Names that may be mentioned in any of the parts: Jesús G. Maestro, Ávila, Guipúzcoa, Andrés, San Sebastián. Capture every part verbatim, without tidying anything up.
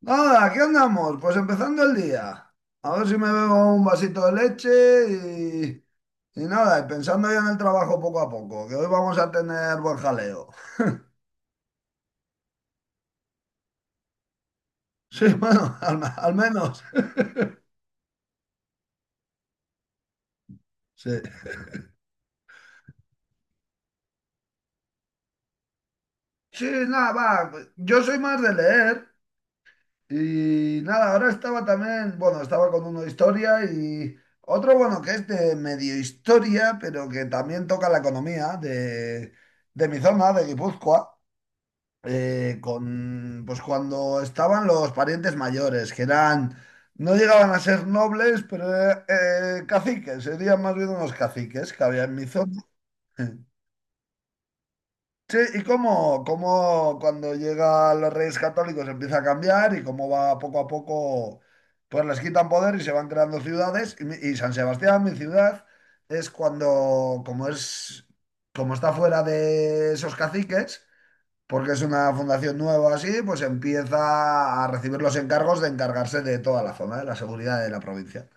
Nada, aquí andamos, pues empezando el día. A ver si me bebo un vasito de leche y, y nada, y pensando ya en el trabajo poco a poco, que hoy vamos a tener buen jaleo. Sí, bueno, al, al menos. Sí. Sí, nada, va. Yo soy más de leer y nada, ahora estaba también, bueno, estaba con uno de historia y otro, bueno, que es de medio historia, pero que también toca la economía de, de mi zona, de Guipúzcoa. Eh, con, pues cuando estaban los parientes mayores, que eran, no llegaban a ser nobles, pero eh, eh, caciques, serían más bien unos caciques que había en mi zona. Sí, y cómo, cómo cuando llegan los Reyes Católicos empieza a cambiar y cómo va poco a poco, pues les quitan poder y se van creando ciudades. Y, mi- y San Sebastián, mi ciudad, es cuando, como es, como está fuera de esos caciques, porque es una fundación nueva así, pues empieza a recibir los encargos de encargarse de toda la zona, de la seguridad de la provincia.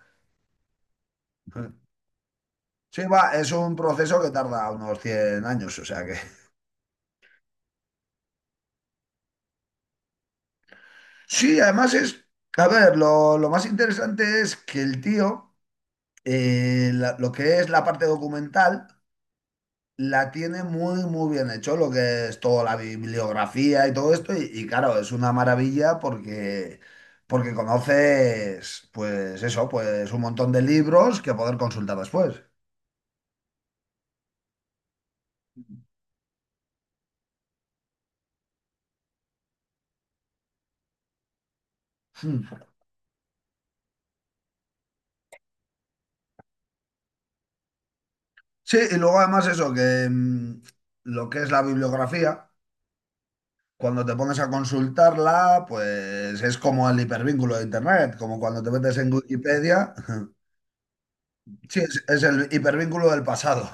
Sí, va, es un proceso que tarda unos cien años, o sea que. Sí, además es. A ver, lo, lo más interesante es que el tío, eh, la- lo que es la parte documental, la tiene muy, muy bien hecho, lo que es toda la bibliografía y todo esto. Y, y claro, es una maravilla porque, porque conoces, pues eso, pues un montón de libros que poder consultar después. Hmm. Sí, y luego además eso, que mm, lo que es la bibliografía, cuando te pones a consultarla, pues es como el hipervínculo de Internet, como cuando te metes en Wikipedia. Sí, es, es el hipervínculo del pasado.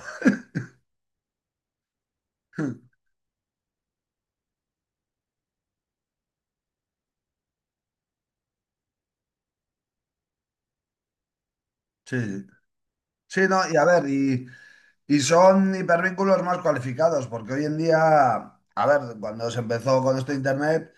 Sí, sí, no, y a ver, y, Y son hipervínculos más cualificados, porque hoy en día, a ver, cuando se empezó con esto de Internet,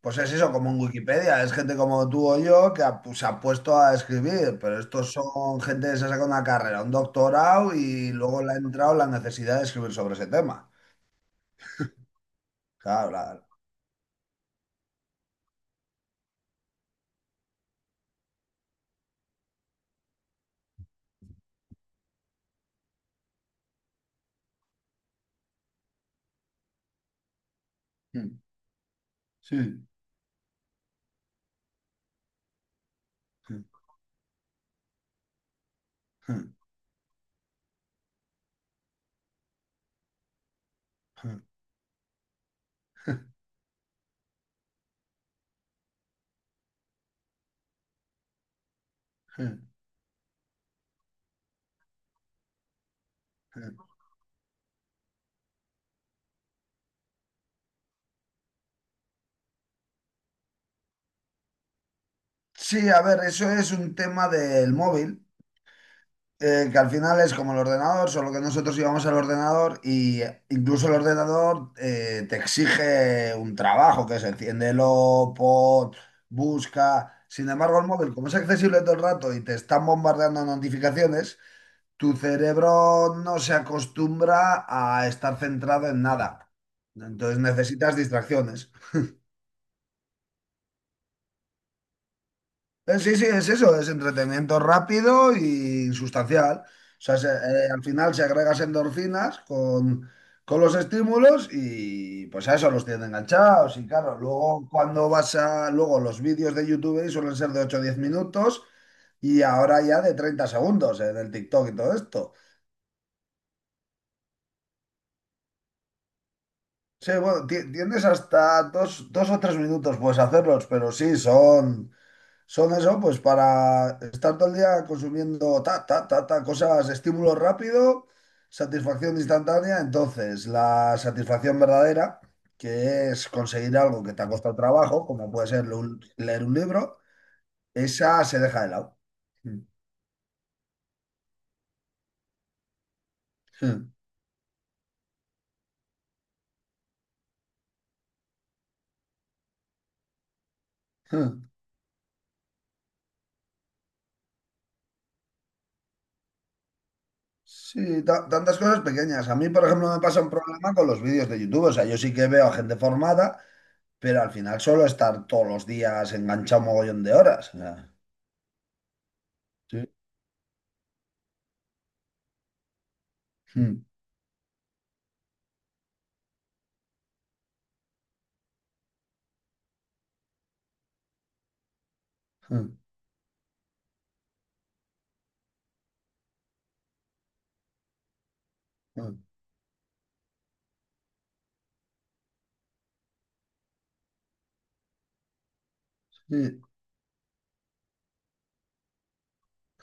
pues es eso, como en Wikipedia, es gente como tú o yo que ha- pues, se ha puesto a escribir, pero estos son gente que se ha sacado una carrera, un doctorado y luego le ha entrado la necesidad de escribir sobre ese tema. Claro, la- Sí. Sí, a ver, eso es un tema del móvil. Eh, que al final es como el ordenador, solo que nosotros íbamos al ordenador y incluso el ordenador eh, te exige un trabajo, que es enciéndelo, pon, busca. Sin embargo, el móvil, como es accesible todo el rato y te están bombardeando notificaciones, tu cerebro no se acostumbra a estar centrado en nada. Entonces necesitas distracciones. Eh, Sí, sí, es eso, es entretenimiento rápido y sustancial. O sea, se- eh, al final se agregas endorfinas con, con los estímulos y pues a eso los tienen enganchados. Y claro, luego cuando vas a, luego los vídeos de YouTube ahí suelen ser de ocho o diez minutos y ahora ya de treinta segundos en el TikTok y todo esto. Sí, bueno, ti- tienes hasta dos, dos o tres minutos, puedes hacerlos, pero sí, son. Son eso, pues para estar todo el día consumiendo ta, ta, ta, ta, cosas, estímulo rápido, satisfacción instantánea. Entonces, la satisfacción verdadera, que es conseguir algo que te ha costado trabajo, como puede ser lo- leer un libro, esa se deja de lado. Sí, ta- tantas cosas pequeñas. A mí, por ejemplo, me pasa un problema con los vídeos de YouTube. O sea, yo sí que veo a gente formada, pero al final solo estar todos los días enganchado un mogollón de horas. O sea, sí. Hmm. Hmm. Mm, sí,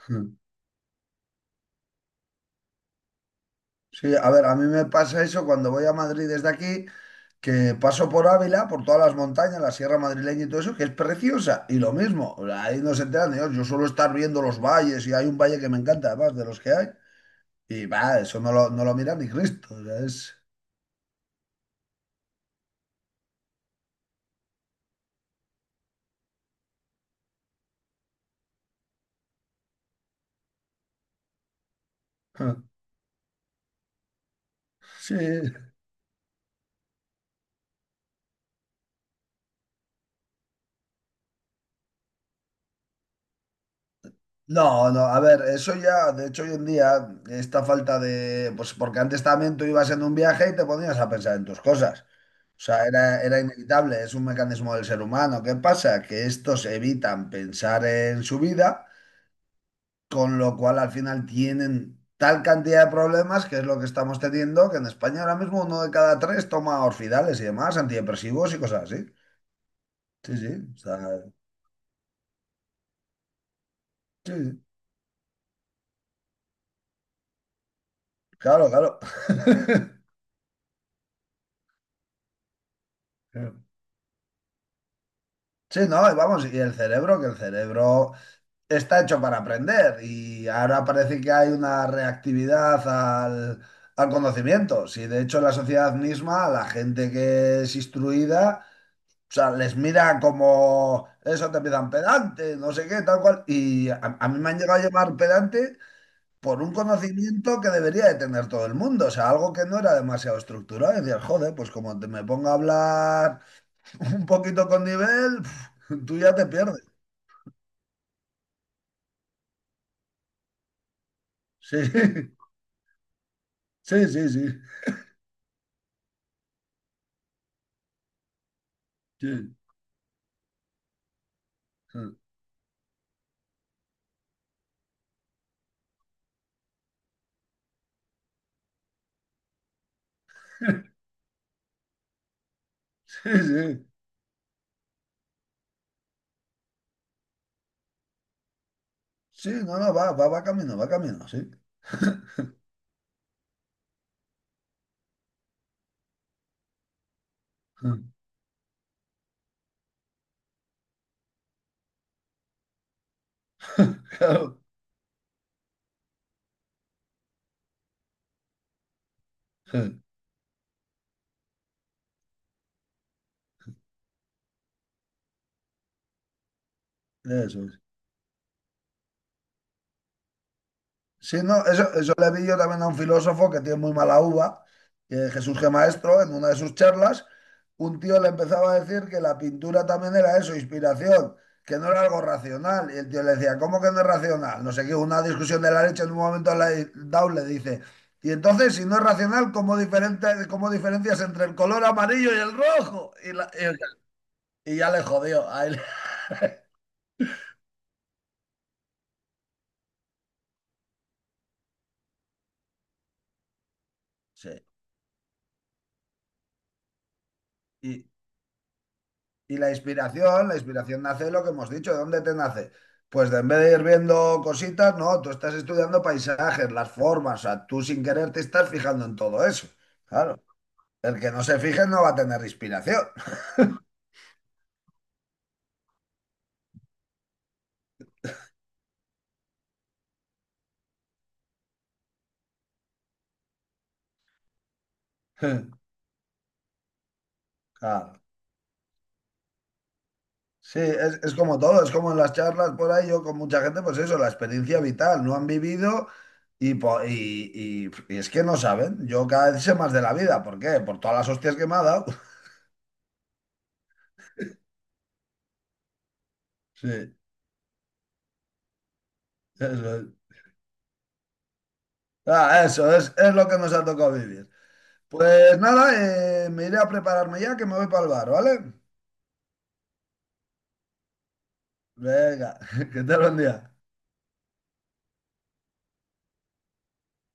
mm, sí, a ver, a mí me pasa eso cuando voy a Madrid desde aquí, que paso por Ávila, por todas las montañas, la sierra madrileña y todo eso, que es preciosa. Y lo mismo, o sea, ahí no se enteran de Dios, yo suelo estar viendo los valles y hay un valle que me encanta, además de los que hay. Y va, eso no lo, no lo mira ni Cristo. O sea, es. Sí, no, no, a ver, eso ya, de hecho hoy en día, esta falta de, pues porque antes también tú ibas en un viaje y te ponías a pensar en tus cosas. O sea, era, era inevitable, es un mecanismo del ser humano. ¿Qué pasa? Que estos evitan pensar en su vida, con lo cual al final tienen tal cantidad de problemas, que es lo que estamos teniendo, que en España ahora mismo uno de cada tres toma orfidales y demás, antidepresivos y cosas así. Sí, sí, o sea, sí, sí, claro, claro. Sí, no, y vamos, y el cerebro, que el cerebro está hecho para aprender y ahora parece que hay una reactividad al, al conocimiento. Si de hecho la sociedad misma, la gente que es instruida, o sea, les mira como eso te empiezan pedante, no sé qué, tal cual. Y a, a mí me han llegado a llamar pedante por un conocimiento que debería de tener todo el mundo, o sea, algo que no era demasiado estructurado. Y decías, joder, pues como te me ponga a hablar un poquito con nivel, tú ya te pierdes. Sí, sí, sí, sí, sí, sí, sí, sí, no, no, va, va, va camino, va camino, sí. Claro, sí, eso. Sí, no, eso, eso le vi yo también a un filósofo que tiene muy mala uva, que Jesús G. Maestro, en una de sus charlas, un tío le empezaba a decir que la pintura también era eso, inspiración, que no era algo racional. Y el tío le decía, ¿cómo que no es racional? No sé qué, una discusión de la leche en un momento la Dow le dice, y entonces, si no es racional, ¿cómo, diferente, cómo diferencias entre el color amarillo y el rojo? Y, la- y- y ya le jodió ahí él. Sí. Y la inspiración, la inspiración nace de lo que hemos dicho, ¿de dónde te nace? Pues de en vez de ir viendo cositas, no, tú estás estudiando paisajes, las formas, o sea, tú sin querer te estás fijando en todo eso. Claro, el que no se fije no va a tener inspiración. Claro. Sí, es, es como todo, es como en las charlas por ahí, yo con mucha gente, pues eso, la experiencia vital, no han vivido y, po- y, y- y es que no saben. Yo cada vez sé más de la vida, ¿por qué? Por todas las hostias que me ha dado. Sí, eso es. Ah, eso es, es lo que nos ha tocado vivir. Pues nada, eh, me iré a prepararme ya que me voy para el bar, ¿vale? Venga, que tal buen día.